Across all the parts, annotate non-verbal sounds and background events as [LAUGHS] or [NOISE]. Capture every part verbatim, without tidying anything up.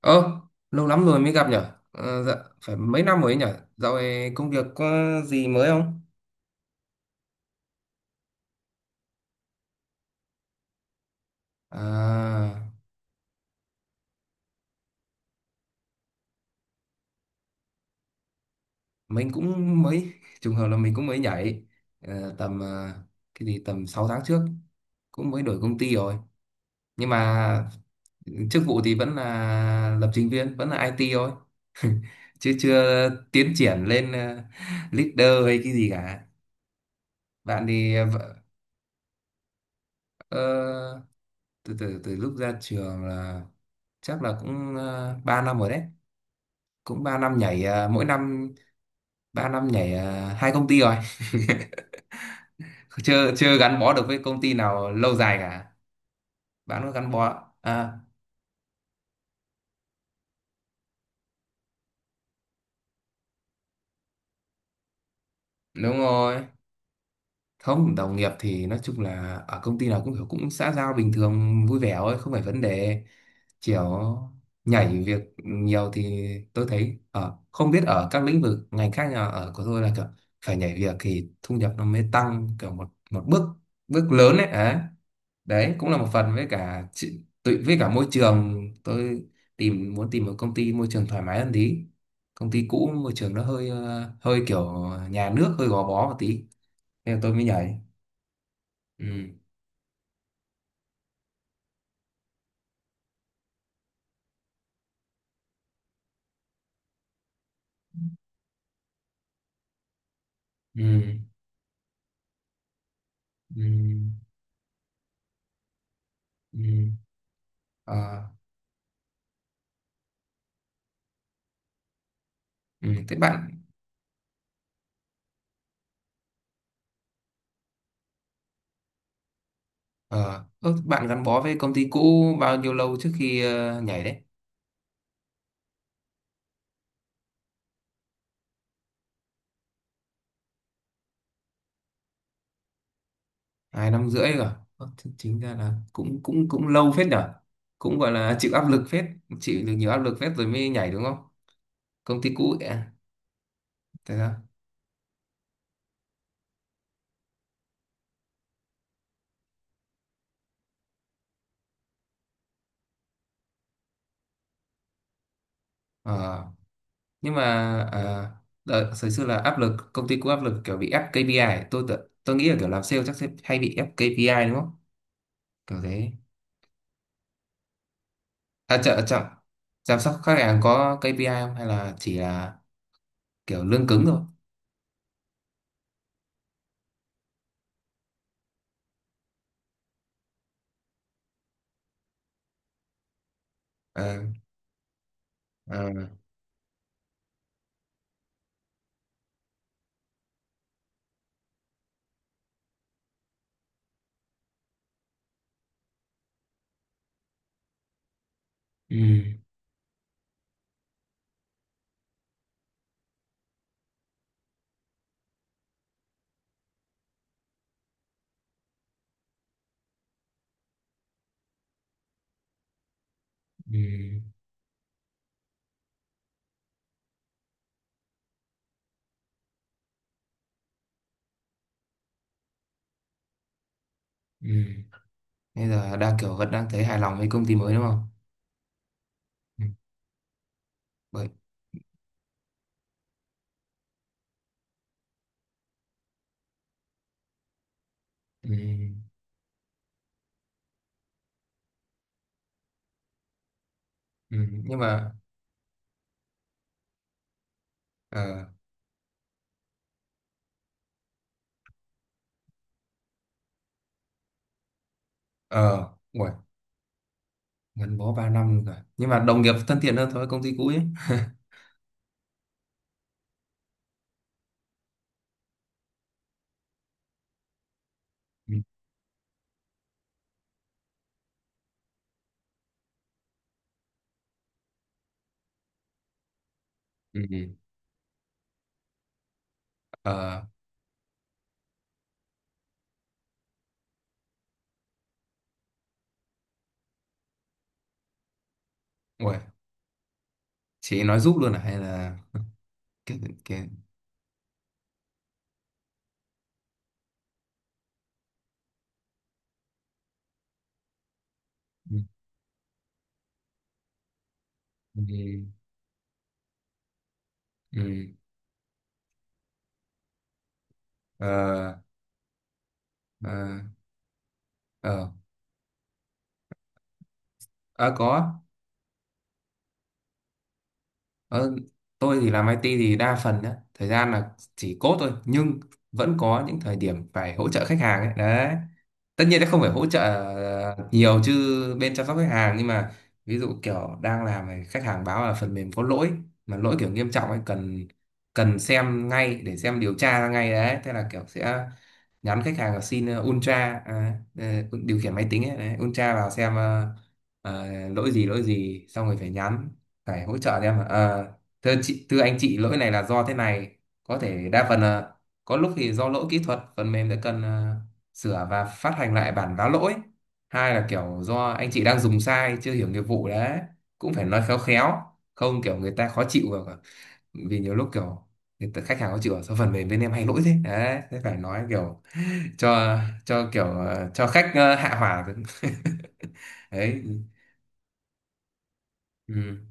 Ơ, lâu lắm rồi mới gặp nhở? Ờ, dạ, phải mấy năm rồi ấy nhở? Dạo này công việc có gì mới không? À, mình cũng mới, [LAUGHS] trùng hợp là mình cũng mới nhảy. Ờ, tầm, ờ, cái gì, tầm sáu tháng trước. Cũng mới đổi công ty rồi. Nhưng mà chức vụ thì vẫn là lập trình viên, vẫn là ai ti thôi. Chứ chưa tiến triển lên ờ, leader hay cái gì cả. Bạn thì, ờ, vợ- ờ, từ từ từ lúc ra trường là chắc là cũng uh, ba năm rồi đấy, cũng ba năm nhảy à, mỗi năm ba năm nhảy à, hai công ty rồi. [LAUGHS] chưa chưa gắn bó được với công ty nào lâu dài cả. Bạn có gắn bó à? Đúng rồi. Không, đồng nghiệp thì nói chung là ở công ty nào cũng kiểu cũng xã giao bình thường vui vẻ thôi, không phải vấn đề. Kiểu nhảy việc nhiều thì tôi thấy ở, không biết ở các lĩnh vực ngành khác, nhưng ở của tôi là kiểu phải nhảy việc thì thu nhập nó mới tăng, kiểu một một bước bước lớn ấy. Đấy. Đấy cũng là một phần với cả chị- tự với cả môi trường, tôi tìm muốn tìm một công ty môi trường thoải mái hơn tí. Công ty cũ môi trường nó hơi ờ, hơi kiểu nhà nước, hơi gò bó một tí nên tôi mới nhảy. Ừ. Ừ. Ừ. Ừ. Ờ, ừ, thế bạn, ờ ơ, bạn gắn bó với công ty cũ bao nhiêu lâu trước khi ờ, nhảy đấy? Hai năm rưỡi rồi. Ơ, thế chính ra là cũng cũng cũng lâu phết nhở, cũng gọi là chịu áp lực phết, chịu được nhiều áp lực phết rồi mới nhảy đúng không? Công ty cũ à? Thế đó, ờ. nhưng mà à, đợt thời xưa là áp lực, công ty cũng áp lực kiểu bị ép kây pi ai. Tôi tự- tôi nghĩ là kiểu làm sale chắc sẽ hay bị ép kây pi ai đúng không, kiểu thế? À, chợ chậm, chăm sóc khách hàng có ca pê i không hay là chỉ là kiểu lương cứng thôi? Ờ, ờ. Ừ, ừ, ừ. Bây giờ đang kiểu vẫn đang thấy hài lòng với công ty mới đúng không? Ừ. Bởi ừ. Ừ. Nhưng mà ờ ờ uầy, gắn bó ba năm rồi nhưng mà đồng nghiệp thân thiện hơn so với công ty cũ ấy. [LAUGHS] Ừ. Ừ. Ờ, uầy, chị nói giúp luôn à hay là cái cái ừ. Ừ. Ừ. Ờ, ờ, ờ. Ờ, có. ờ, tôi thì làm i tê thì đa phần á thời gian là chỉ code thôi, nhưng vẫn có những thời điểm phải hỗ trợ khách hàng ấy đấy. Tất nhiên nó không phải hỗ trợ ờ, nhiều chứ bên chăm sóc khách hàng, nhưng mà ví dụ kiểu đang làm này, khách hàng báo là phần mềm có lỗi mà lỗi kiểu nghiêm trọng ấy, cần cần xem ngay để xem điều tra ra ngay đấy. Thế là kiểu sẽ nhắn khách hàng là xin ờ, ultra, à, ờ, điều khiển máy tính ấy, đấy, ultra vào xem, ờ, ờ, lỗi gì lỗi gì, xong rồi phải nhắn, phải hỗ trợ em là, ờ thưa chị, thưa anh chị, lỗi này là do thế này, có thể đa phần là có lúc thì do lỗi kỹ thuật phần mềm đã cần ờ, sửa và phát hành lại bản vá lỗi, hai là kiểu do anh chị đang dùng sai chưa hiểu nghiệp vụ đấy, cũng phải nói khéo khéo, không kiểu người ta khó chịu. Và vì nhiều lúc kiểu người ta, khách hàng khó chịu "Ở sao phần mềm bên em hay lỗi thế", đấy, thế phải nói kiểu cho cho kiểu ờ, cho khách ờ, hạ hỏa. [LAUGHS] Đấy. Ừ. Ừ.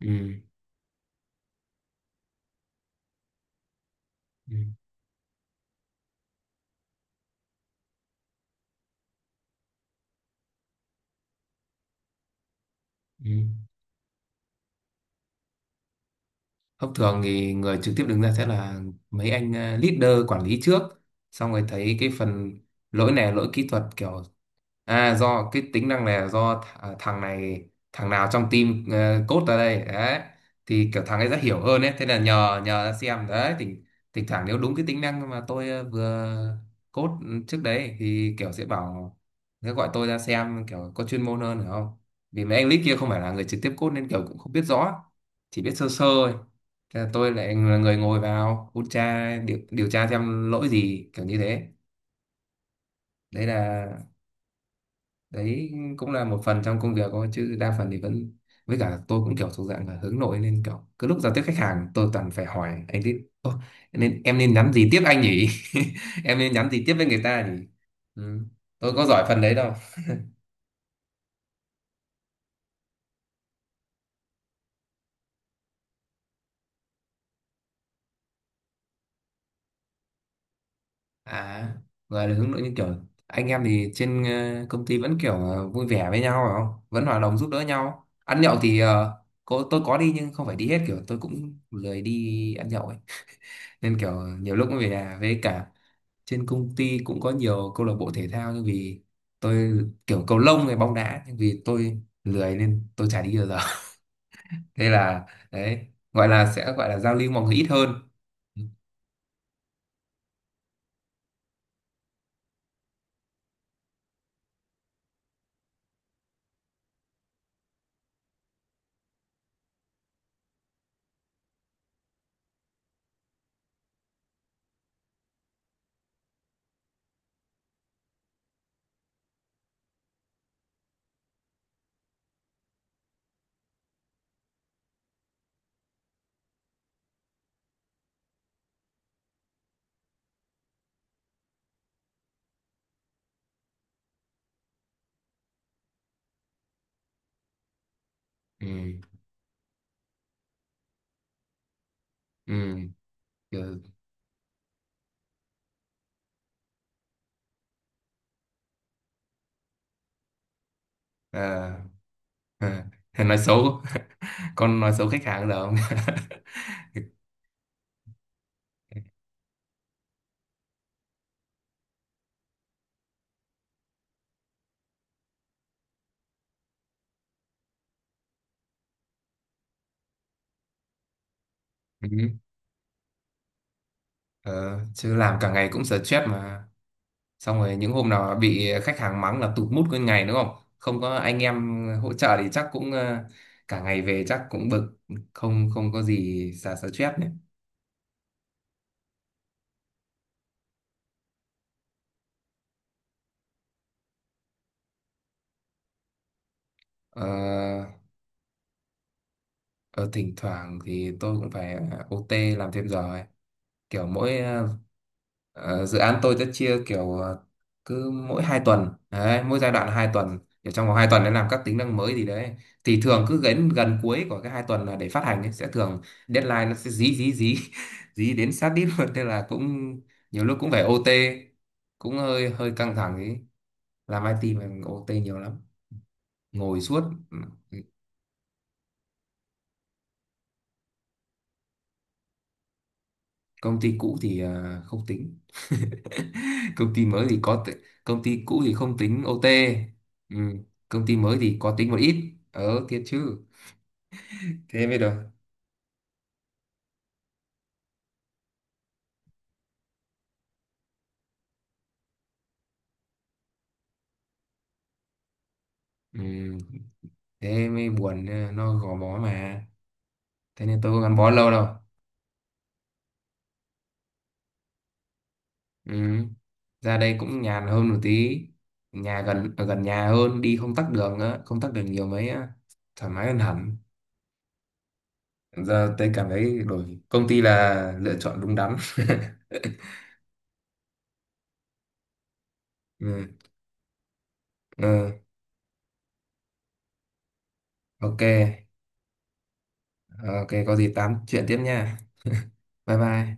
Ừ. Ừ. Thông thường thì người trực tiếp đứng ra sẽ là mấy anh ờ, leader quản lý trước, xong rồi thấy cái phần lỗi này là lỗi kỹ thuật, kiểu à do cái tính năng này là do th à, thằng này thằng nào trong team uh, code ra đây đấy, thì kiểu thằng ấy sẽ hiểu hơn ấy, thế là nhờ nhờ ra xem đấy, thỉnh thỉnh thoảng nếu đúng cái tính năng mà tôi ờ, vừa code trước đấy thì kiểu sẽ bảo, sẽ gọi tôi ra xem, kiểu có chuyên môn hơn, hiểu không? Vì mấy anh lead kia không phải là người trực tiếp code nên kiểu cũng không biết rõ, chỉ biết sơ sơ thôi. Thế là tôi lại là người ngồi vào hút tra điều, điều tra xem lỗi gì kiểu như thế. Đấy là đấy cũng là một phần trong công việc thôi, chứ đa phần thì vẫn, với cả tôi cũng kiểu thuộc dạng là hướng nội, nên kiểu cứ lúc giao tiếp khách hàng tôi toàn phải hỏi anh tiếp "Ô, nên em nên nhắn gì tiếp anh nhỉ? [LAUGHS] Em nên nhắn gì tiếp với người ta nhỉ?" Ừ. Tôi có giỏi phần đấy đâu. À, gọi là hướng nội như kiểu anh em thì trên ờ, công ty vẫn kiểu ờ, vui vẻ với nhau phải không, vẫn hòa đồng giúp đỡ nhau. Ăn nhậu thì ờ, có, tôi có đi nhưng không phải đi hết, kiểu tôi cũng lười đi ăn nhậu ấy, nên kiểu nhiều lúc cũng về nhà. Với cả trên công ty cũng có nhiều câu lạc bộ thể thao, nhưng vì tôi kiểu cầu lông hay bóng đá, nhưng vì tôi lười nên tôi chả đi bao giờ. [LAUGHS] Thế là đấy, gọi là sẽ gọi là giao lưu mọi người ít hơn. Ừ. Ừ. Kiểu, ờ, Ờ, nói xấu. [LAUGHS] Con nói xấu khách hàng giờ không? [LAUGHS] Ừ. Ờ, chứ làm cả ngày cũng stress mà, xong rồi những hôm nào bị khách hàng mắng là tụt mood nguyên ngày đúng không, không có anh em hỗ trợ thì chắc cũng ờ, cả ngày về chắc cũng bực, không không có gì xả stress nữa. ờ, ờ, Thỉnh thoảng thì tôi cũng phải o tê làm thêm giờ ấy. Kiểu mỗi ờ, Ờ, dự án tôi sẽ chia kiểu ờ, cứ mỗi hai tuần đấy, mỗi giai đoạn là hai tuần, để trong vòng hai tuần để làm các tính năng mới gì đấy, thì thường cứ gần gần cuối của cái hai tuần là để phát hành ấy, sẽ thường deadline nó sẽ dí dí dí [LAUGHS] dí đến sát đít luôn, nên là cũng nhiều lúc cũng phải o tê, cũng hơi hơi căng thẳng ấy. Làm i tê mà o tê nhiều lắm, ngồi suốt. Ừ, công ty cũ thì à, không tính. [LAUGHS] Công ty mới thì có t... Công ty cũ thì không tính o tê. Ừ. Công ty mới thì có tính một ít, ờ thiệt chứ. Thế mới được. Ừ. Thế mới buồn, ờ, nó gò bó mà, thế nên tôi có gắn bó lâu đâu. Ừ. Ra đây cũng nhàn hơn một tí, nhà gần, ở gần nhà hơn, đi không tắc đường á, không tắc đường nhiều mấy á, thoải mái hơn hẳn. Giờ tôi cảm thấy đổi công ty là lựa chọn đúng đắn. [LAUGHS] Ừ. Ừ. Ok. Ờ, ok, có gì tám chuyện tiếp nha. Bye bye.